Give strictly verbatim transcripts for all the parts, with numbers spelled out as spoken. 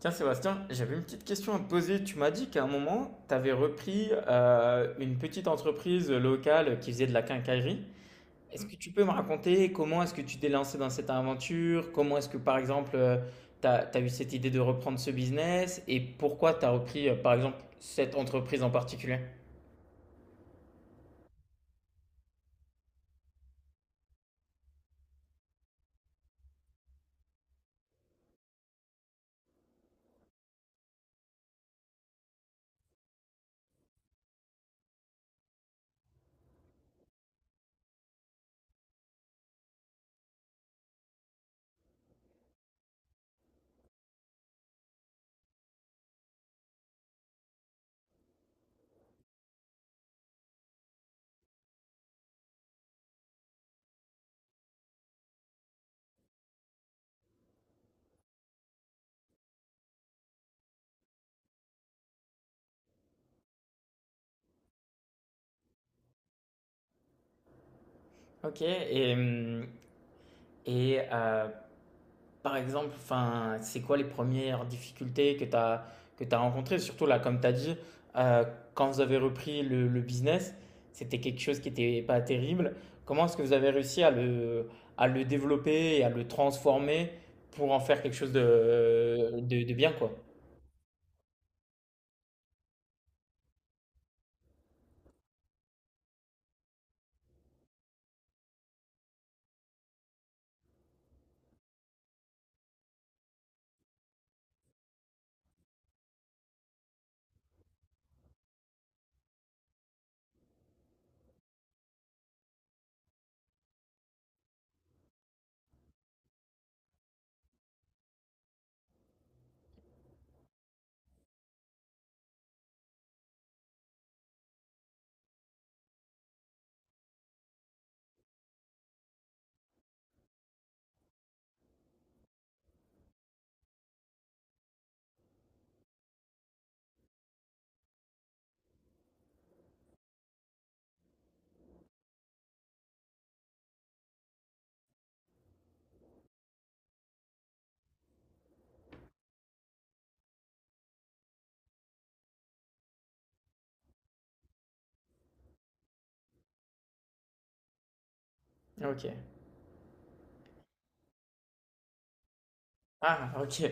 Tiens Sébastien, j'avais une petite question à te poser. Tu m'as dit qu'à un moment, tu avais repris euh, une petite entreprise locale qui faisait de la quincaillerie. Est-ce que tu peux me raconter comment est-ce que tu t'es lancé dans cette aventure? Comment est-ce que par exemple, tu as, eu cette idée de reprendre ce business et pourquoi tu as repris euh, par exemple cette entreprise en particulier? Ok, et, hum, et euh, Par exemple, enfin, c'est quoi les premières difficultés que tu as, que tu as rencontrées? Surtout là, comme tu as dit, euh, quand vous avez repris le, le business, c'était quelque chose qui n'était pas terrible. Comment est-ce que vous avez réussi à le, à le développer et à le transformer pour en faire quelque chose de, de, de bien, quoi? Ok. Ah, ok.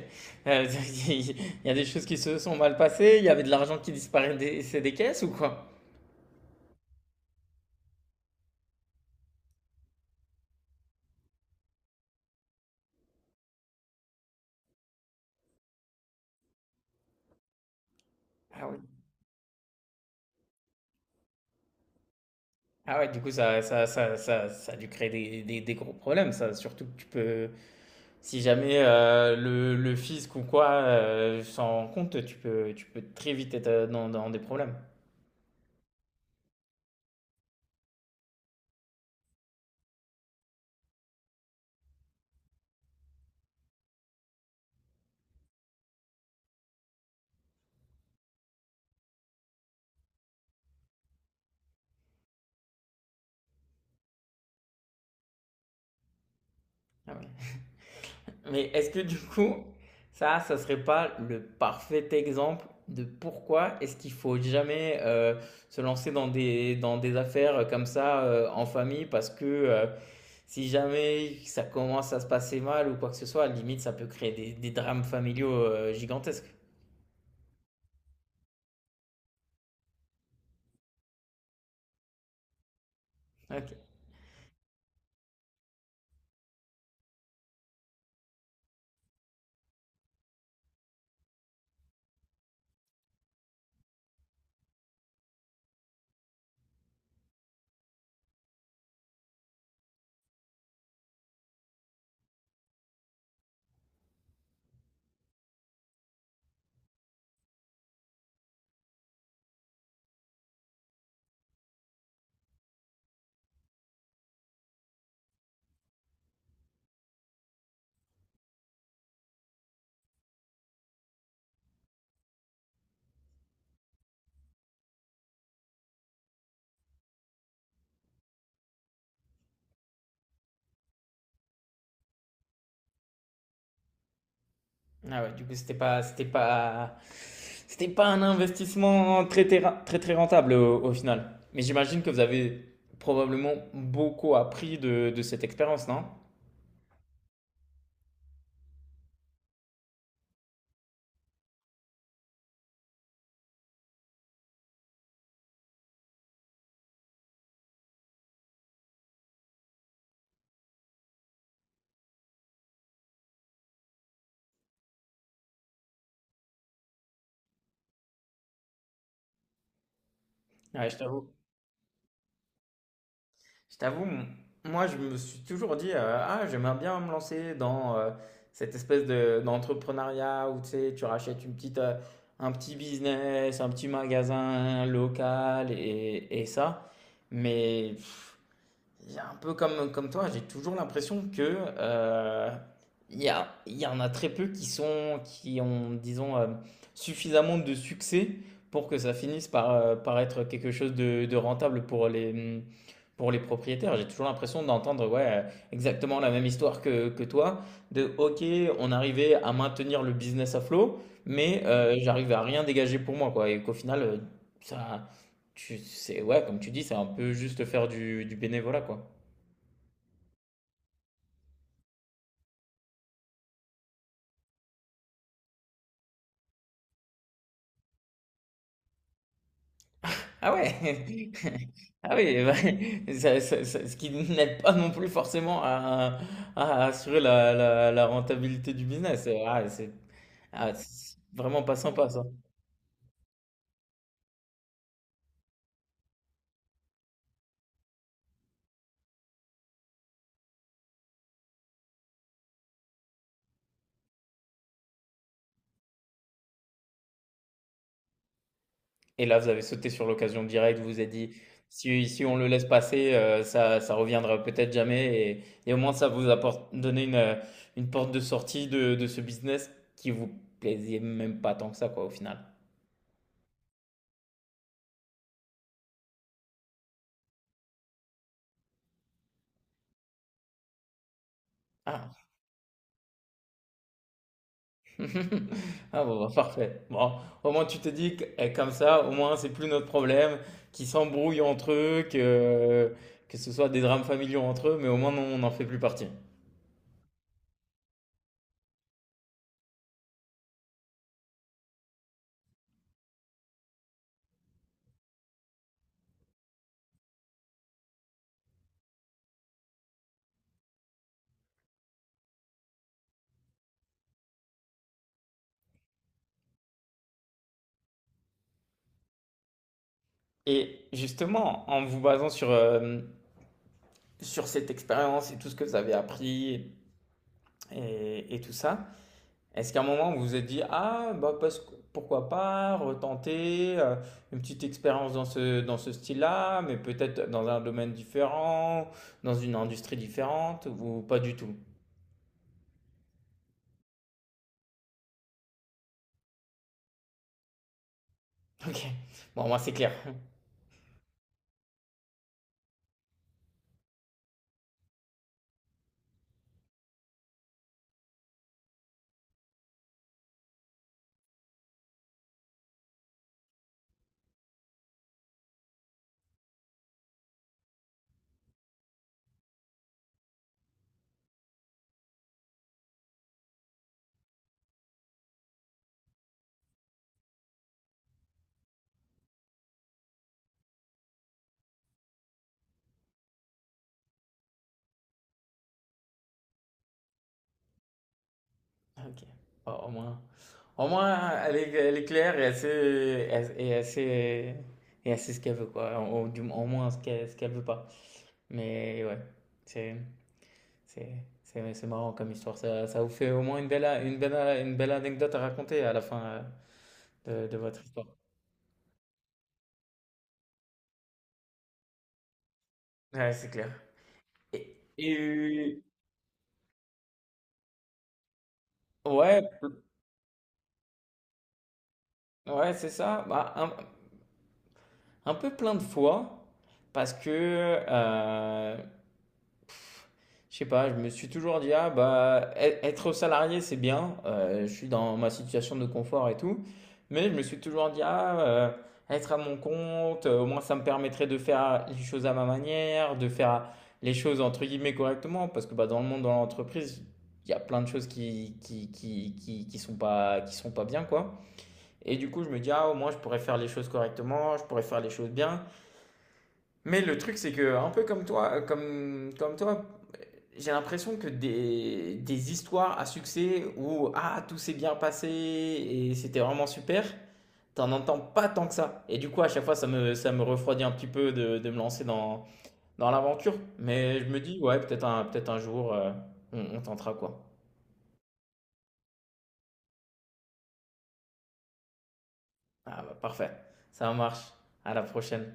Euh, il y a des choses qui se sont mal passées, il y avait de l'argent qui disparaissait des, c'est des caisses ou quoi? Ah oui. Ah ouais, du coup, ça, ça, ça, ça, ça a dû créer des, des, des gros problèmes, ça. Surtout que tu peux, si jamais euh, le, le fisc ou quoi euh, s'en rend compte, tu peux, tu peux très vite être euh, dans, dans des problèmes. Ah ouais. Mais est-ce que du coup, ça, ça serait pas le parfait exemple de pourquoi est-ce qu'il faut jamais euh, se lancer dans des, dans des affaires comme ça euh, en famille parce que euh, si jamais ça commence à se passer mal ou quoi que ce soit, à la limite, ça peut créer des, des drames familiaux euh, gigantesques. Ok. Ah ouais, du coup, c'était pas, c'était pas, c'était pas un investissement très, très, ra- très, très rentable au, au final. Mais j'imagine que vous avez probablement beaucoup appris de, de cette expérience, non? Ouais, je t'avoue Je t'avoue, m- moi je me suis toujours dit euh, ah j'aimerais bien me lancer dans euh, cette espèce de d'entrepreneuriat où tu sais tu rachètes une petite euh, un petit business, un petit magasin local et, et ça. Mais pff, j'ai un peu comme, comme toi, j'ai toujours l'impression que euh, il y a, il y en a très peu qui sont, qui ont, disons, euh, suffisamment de succès pour que ça finisse par, euh, par être quelque chose de, de rentable pour les, pour les propriétaires. J'ai toujours l'impression d'entendre ouais, euh, exactement la même histoire que, que toi, de OK, on arrivait à maintenir le business à flot, mais euh, j'arrive à rien dégager pour moi, quoi, et qu'au final, euh, ça, tu, c'est, ouais, comme tu dis, c'est un peu juste faire du, du bénévolat, quoi. Ah ouais! Ah oui, bah, ça ça ça ce qui n'aide pas non plus forcément à à assurer la la la rentabilité du business. Ah c'est ah c'est vraiment pas sympa ça. Et là, vous avez sauté sur l'occasion directe, vous vous êtes dit: «Si si on le laisse passer, heu, ça ça reviendra peut-être jamais» et et au moins ça vous apporte donné une, heu, une porte de sortie de de ce business qui vous plaisait même pas tant que ça quoi, au final. Ah! Ah bon, bah, parfait. Bon, au moins tu te dis que eh, comme ça, au moins c'est plus notre problème, qu'ils s'embrouillent entre eux, que, que ce soit des drames familiaux entre eux, mais au moins non, on n'en fait plus partie. Et justement, en vous basant sur, euh, sur cette expérience et tout ce que vous avez appris et, et tout ça, est-ce qu'à un moment, vous vous êtes dit, ah, bah, parce que- pourquoi pas retenter euh, une petite expérience dans ce, dans ce style-là, mais peut-être dans un domaine différent, dans une industrie différente, ou pas du tout? Ok, bon, moi, c'est clair. Ok, bon, au moins, au moins elle est, elle est claire et assez, et assez, et assez ce qu'elle veut, quoi. Au, du- au moins ce qu'elle ce qu'elle veut pas. Mais ouais, c'est. C'est, c'est, c'est marrant comme histoire. Ça, ça vous fait au moins une belle, a- une belle, a- une belle anecdote à raconter à la fin euh, de, de votre histoire. Ouais, c'est clair. Et, et- ouais, ouais, c'est ça. Bah, un, un peu plein de fois, parce que euh, je sais pas, je me suis toujours dit, ah bah, e- être salarié, c'est bien, euh, je suis dans ma situation de confort et tout, mais je me suis toujours dit, ah, euh, être à mon compte, euh, au moins ça me permettrait de faire les choses à ma manière, de faire les choses entre guillemets correctement, parce que bah, dans le monde, dans l'entreprise, il y a plein de choses qui, qui, qui, qui, qui sont pas, qui sont pas bien, quoi. Et du coup, je me dis, ah, au moins je pourrais faire les choses correctement, je pourrais faire les choses bien. Mais le truc, c'est que, un peu comme toi, euh, comme, comme toi, j'ai l'impression que des, des histoires à succès où ah, tout s'est bien passé et c'était vraiment super, t'en entends pas tant que ça. Et du coup, à chaque fois, ça me, ça me refroidit un petit peu de, de me lancer dans, dans l'aventure. Mais je me dis, ouais, peut-être un, peut-être un jour, euh, on, on tentera quoi. Ah bah parfait, ça marche. À la prochaine.